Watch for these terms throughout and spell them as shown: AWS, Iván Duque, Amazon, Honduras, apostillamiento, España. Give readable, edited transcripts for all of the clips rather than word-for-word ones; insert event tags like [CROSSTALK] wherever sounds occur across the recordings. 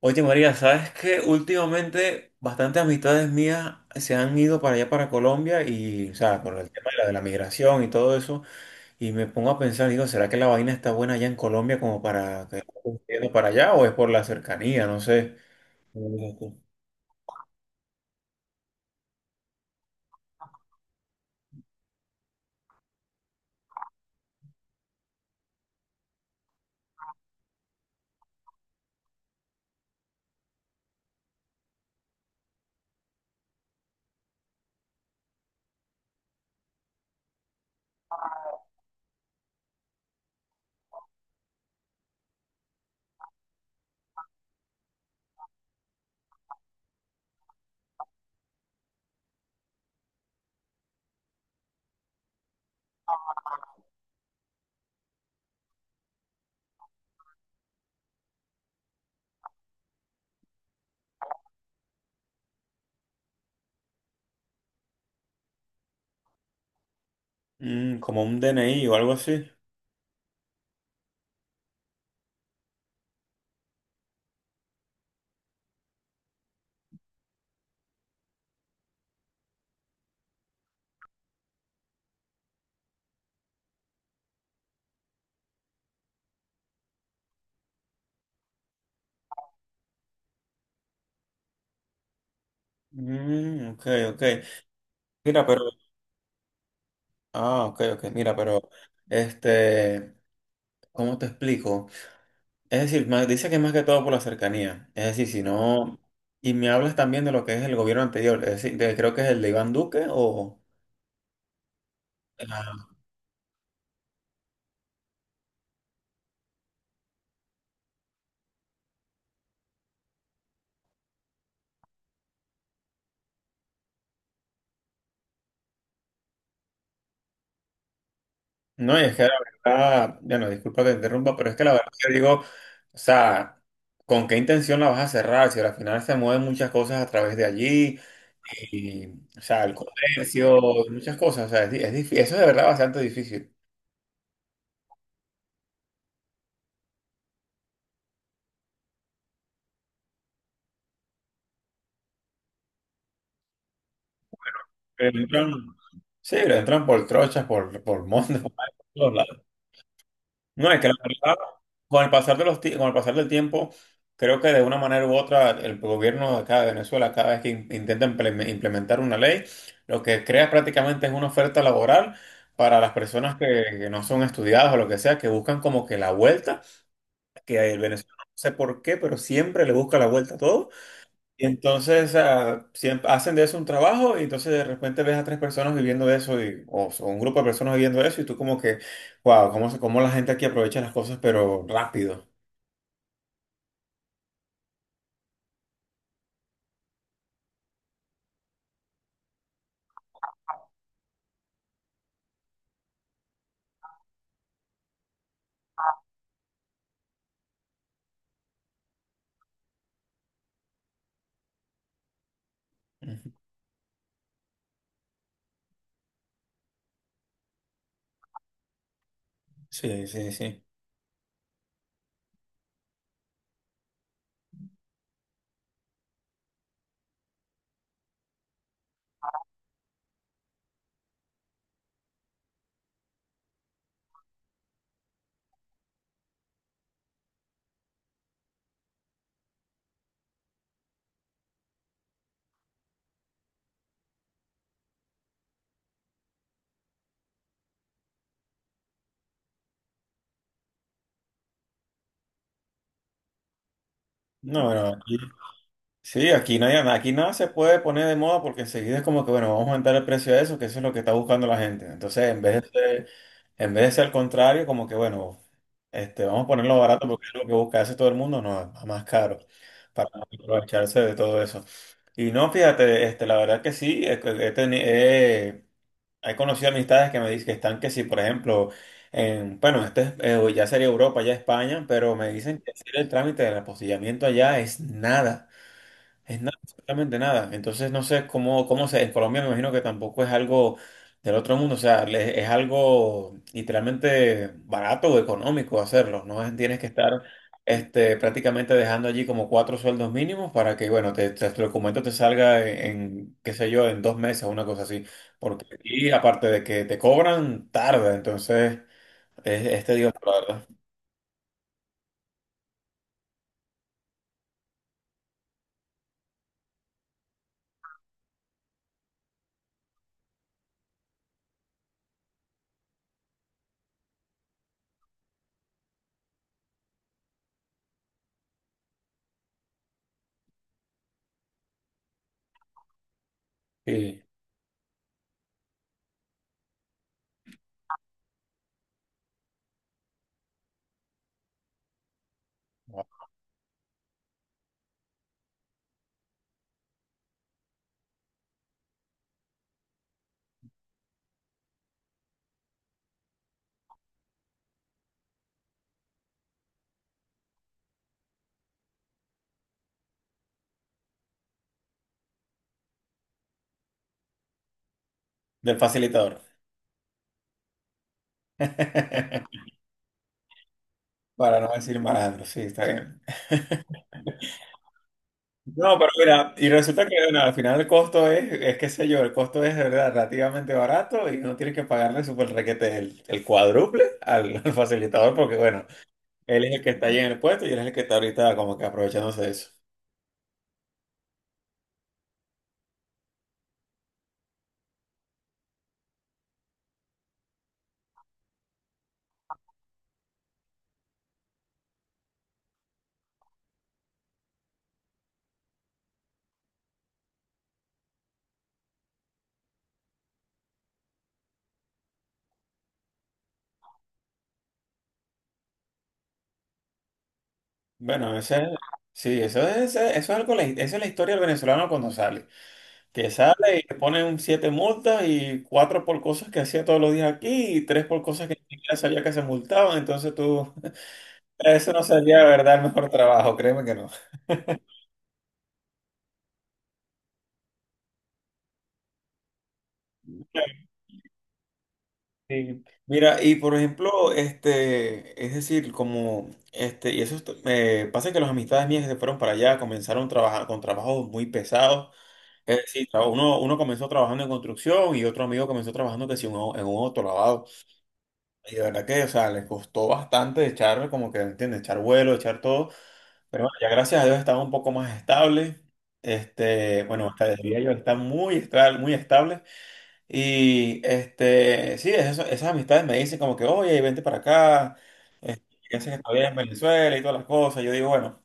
Oye María, ¿sabes qué? Últimamente bastantes amistades mías se han ido para allá, para Colombia, y, o sea, por el tema de la migración y todo eso, y me pongo a pensar, digo, ¿será que la vaina está buena allá en Colombia como para que yendo para allá o es por la cercanía? No sé. Mm, como un DNI o algo así. Mm, ok, ok. Mira, pero, ah, ok, ok, mira, pero, este, ¿cómo te explico? Es decir, dice que más que todo por la cercanía. Es decir, si no. Y me hablas también de lo que es el gobierno anterior. Es decir, creo que es el de Iván Duque o. Ah, no, y es que la verdad. Bueno, disculpa que te interrumpa, pero es que la verdad que digo. O sea, ¿con qué intención la vas a cerrar? Si al final se mueven muchas cosas a través de allí. Y, o sea, el comercio, muchas cosas. O sea, es, di- es difí- eso es de verdad bastante difícil. Pero entran- sí, le entran por trochas, por montes, [LAUGHS] por todos lados. No, es que la verdad. Con el pasar del tiempo, creo que de una manera u otra el gobierno de acá de Venezuela, cada vez que intenta implementar una ley, lo que crea prácticamente es una oferta laboral para las personas que no son estudiadas o lo que sea, que buscan como que la vuelta, que el venezolano no sé por qué, pero siempre le busca la vuelta a todo. Y entonces ah, siempre hacen de eso un trabajo y entonces de repente ves a tres personas viviendo de eso y, o un grupo de personas viviendo de eso y tú como que, wow, cómo, cómo la gente aquí aprovecha las cosas pero rápido. Sí, sí, sí. No, bueno, sí, aquí no hay, aquí nada se puede poner de moda porque enseguida es como que, bueno, vamos a aumentar el precio de eso, que eso es lo que está buscando la gente. Entonces, en vez de ser al contrario, como que, bueno, vamos a ponerlo barato porque es lo que busca hace todo el mundo, no, a más caro, para aprovecharse de todo eso. Y no, fíjate, la verdad que sí, he conocido amistades que me dicen que están que sí, por ejemplo, bueno, ya sería Europa, ya España, pero me dicen que hacer el trámite del apostillamiento allá es nada. Es nada, absolutamente nada. Entonces no sé cómo, cómo se, en Colombia me imagino que tampoco es algo del otro mundo, o sea, es algo literalmente barato o económico hacerlo, no es, tienes que estar prácticamente dejando allí como cuatro sueldos mínimos para que, bueno, tu documento te salga en, qué sé yo, en dos meses o una cosa así, porque y aparte de que te cobran, tarda, entonces es tedioso, la verdad. Sí, del facilitador, para no decir malandro, sí, está bien. No, pero mira, y resulta que bueno, al final el costo es qué sé yo, el costo es de verdad relativamente barato y no tienes que pagarle super requete el cuádruple al facilitador porque bueno, él es el que está allí en el puesto y él es el que está ahorita como que aprovechándose de eso. Bueno, ese, sí, eso es algo, esa es la historia del venezolano cuando sale, que sale y te ponen siete multas y cuatro por cosas que hacía todos los días aquí y tres por cosas que ni siquiera sabía que se multaban, entonces tú, [LAUGHS] eso no sería de verdad el mejor trabajo, créeme que no. Sí. Mira, y por ejemplo, es decir, como, y eso pasa que las amistades mías que se fueron para allá comenzaron trabajar con trabajos muy pesados. Es decir, uno comenzó trabajando en construcción y otro amigo comenzó trabajando que sí, en un autolavado. Y de verdad que, o sea, les costó bastante echar, como que, ¿entiendes? Echar vuelo, echar todo. Pero bueno, ya gracias a Dios estaba un poco más estable. Bueno, hasta diría yo, está muy, muy estable. Y sí, esas amistades me dicen como que, oye, vente para acá, eh, ¿qué haces todavía en Venezuela y todas las cosas? Yo digo, bueno,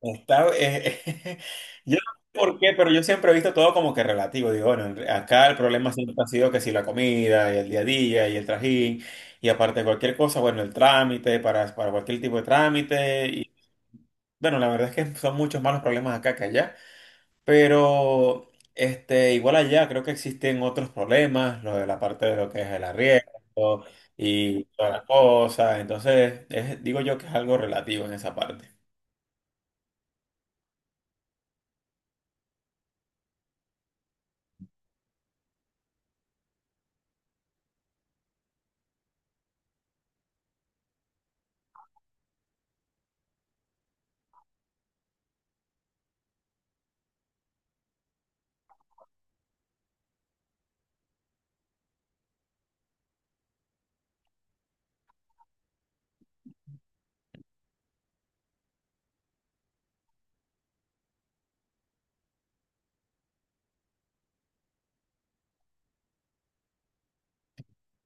está, eh, [LAUGHS] yo no sé por qué, pero yo siempre he visto todo como que relativo. Digo, bueno, acá el problema siempre ha sido que si la comida y el día a día y el trajín y aparte de cualquier cosa, bueno, el trámite para cualquier tipo de trámite. Y bueno, la verdad es que son muchos más los problemas acá que allá. Pero igual allá creo que existen otros problemas, lo de la parte de lo que es el arriendo y todas las cosas. Entonces, digo yo que es algo relativo en esa parte.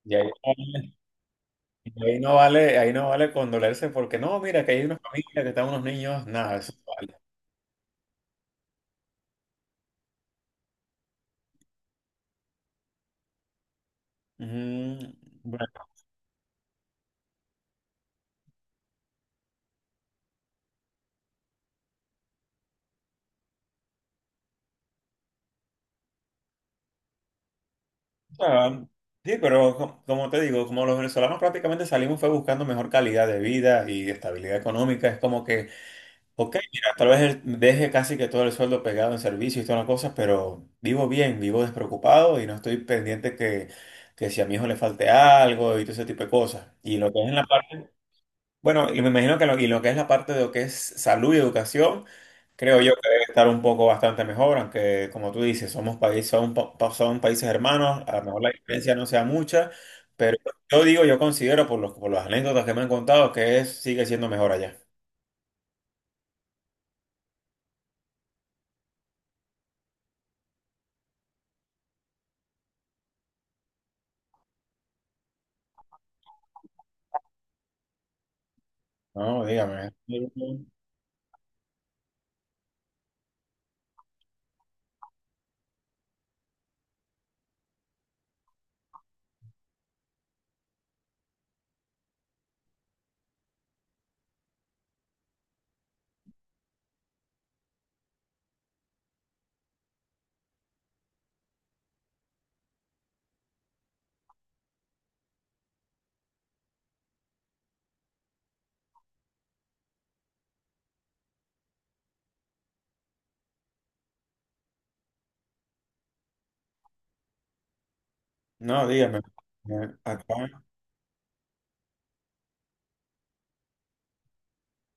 Y ahí, no vale, ahí no vale, ahí no vale condolerse porque no, mira, que hay una familia, que están unos niños, nada, eso no vale. Mm, bueno, o sea, sí, pero como te digo, como los venezolanos prácticamente salimos fue buscando mejor calidad de vida y estabilidad económica, es como que ok, mira, tal vez deje casi que todo el sueldo pegado en servicio y todas las cosas, pero vivo bien, vivo despreocupado y no estoy pendiente que si a mi hijo le falte algo y todo ese tipo de cosas. Y lo que es en la parte, bueno, y me imagino que lo, y lo que es la parte de lo que es salud y educación, creo yo que debe estar un poco bastante mejor, aunque como tú dices, somos países, son países hermanos, a lo mejor la diferencia no sea mucha, pero yo digo, yo considero por las anécdotas que me han contado que es, sigue siendo mejor allá. No, dígame. ¿Eh? No, dígame, acá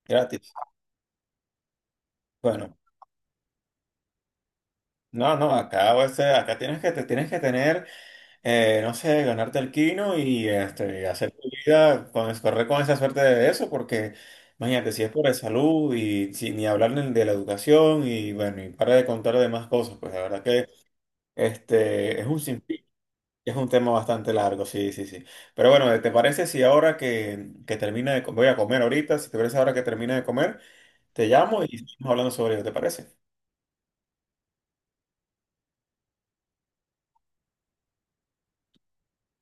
gratis. Bueno, no, no, acá, acá te tienes que tener, no sé, ganarte el quino y hacer tu vida, con, correr con esa suerte de eso, porque imagínate, si es por la salud y ni hablar ni de la educación y bueno, y para de contar de más cosas, pues la verdad que es un sinfín, es un tema bastante largo, sí, sí, sí. Pero bueno, ¿te parece si ahora que termina voy a comer ahorita, si te parece ahora que termina de comer? Te llamo y seguimos hablando sobre ello, ¿te parece?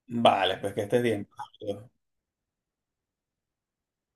Vale, pues que estés bien. Pablo.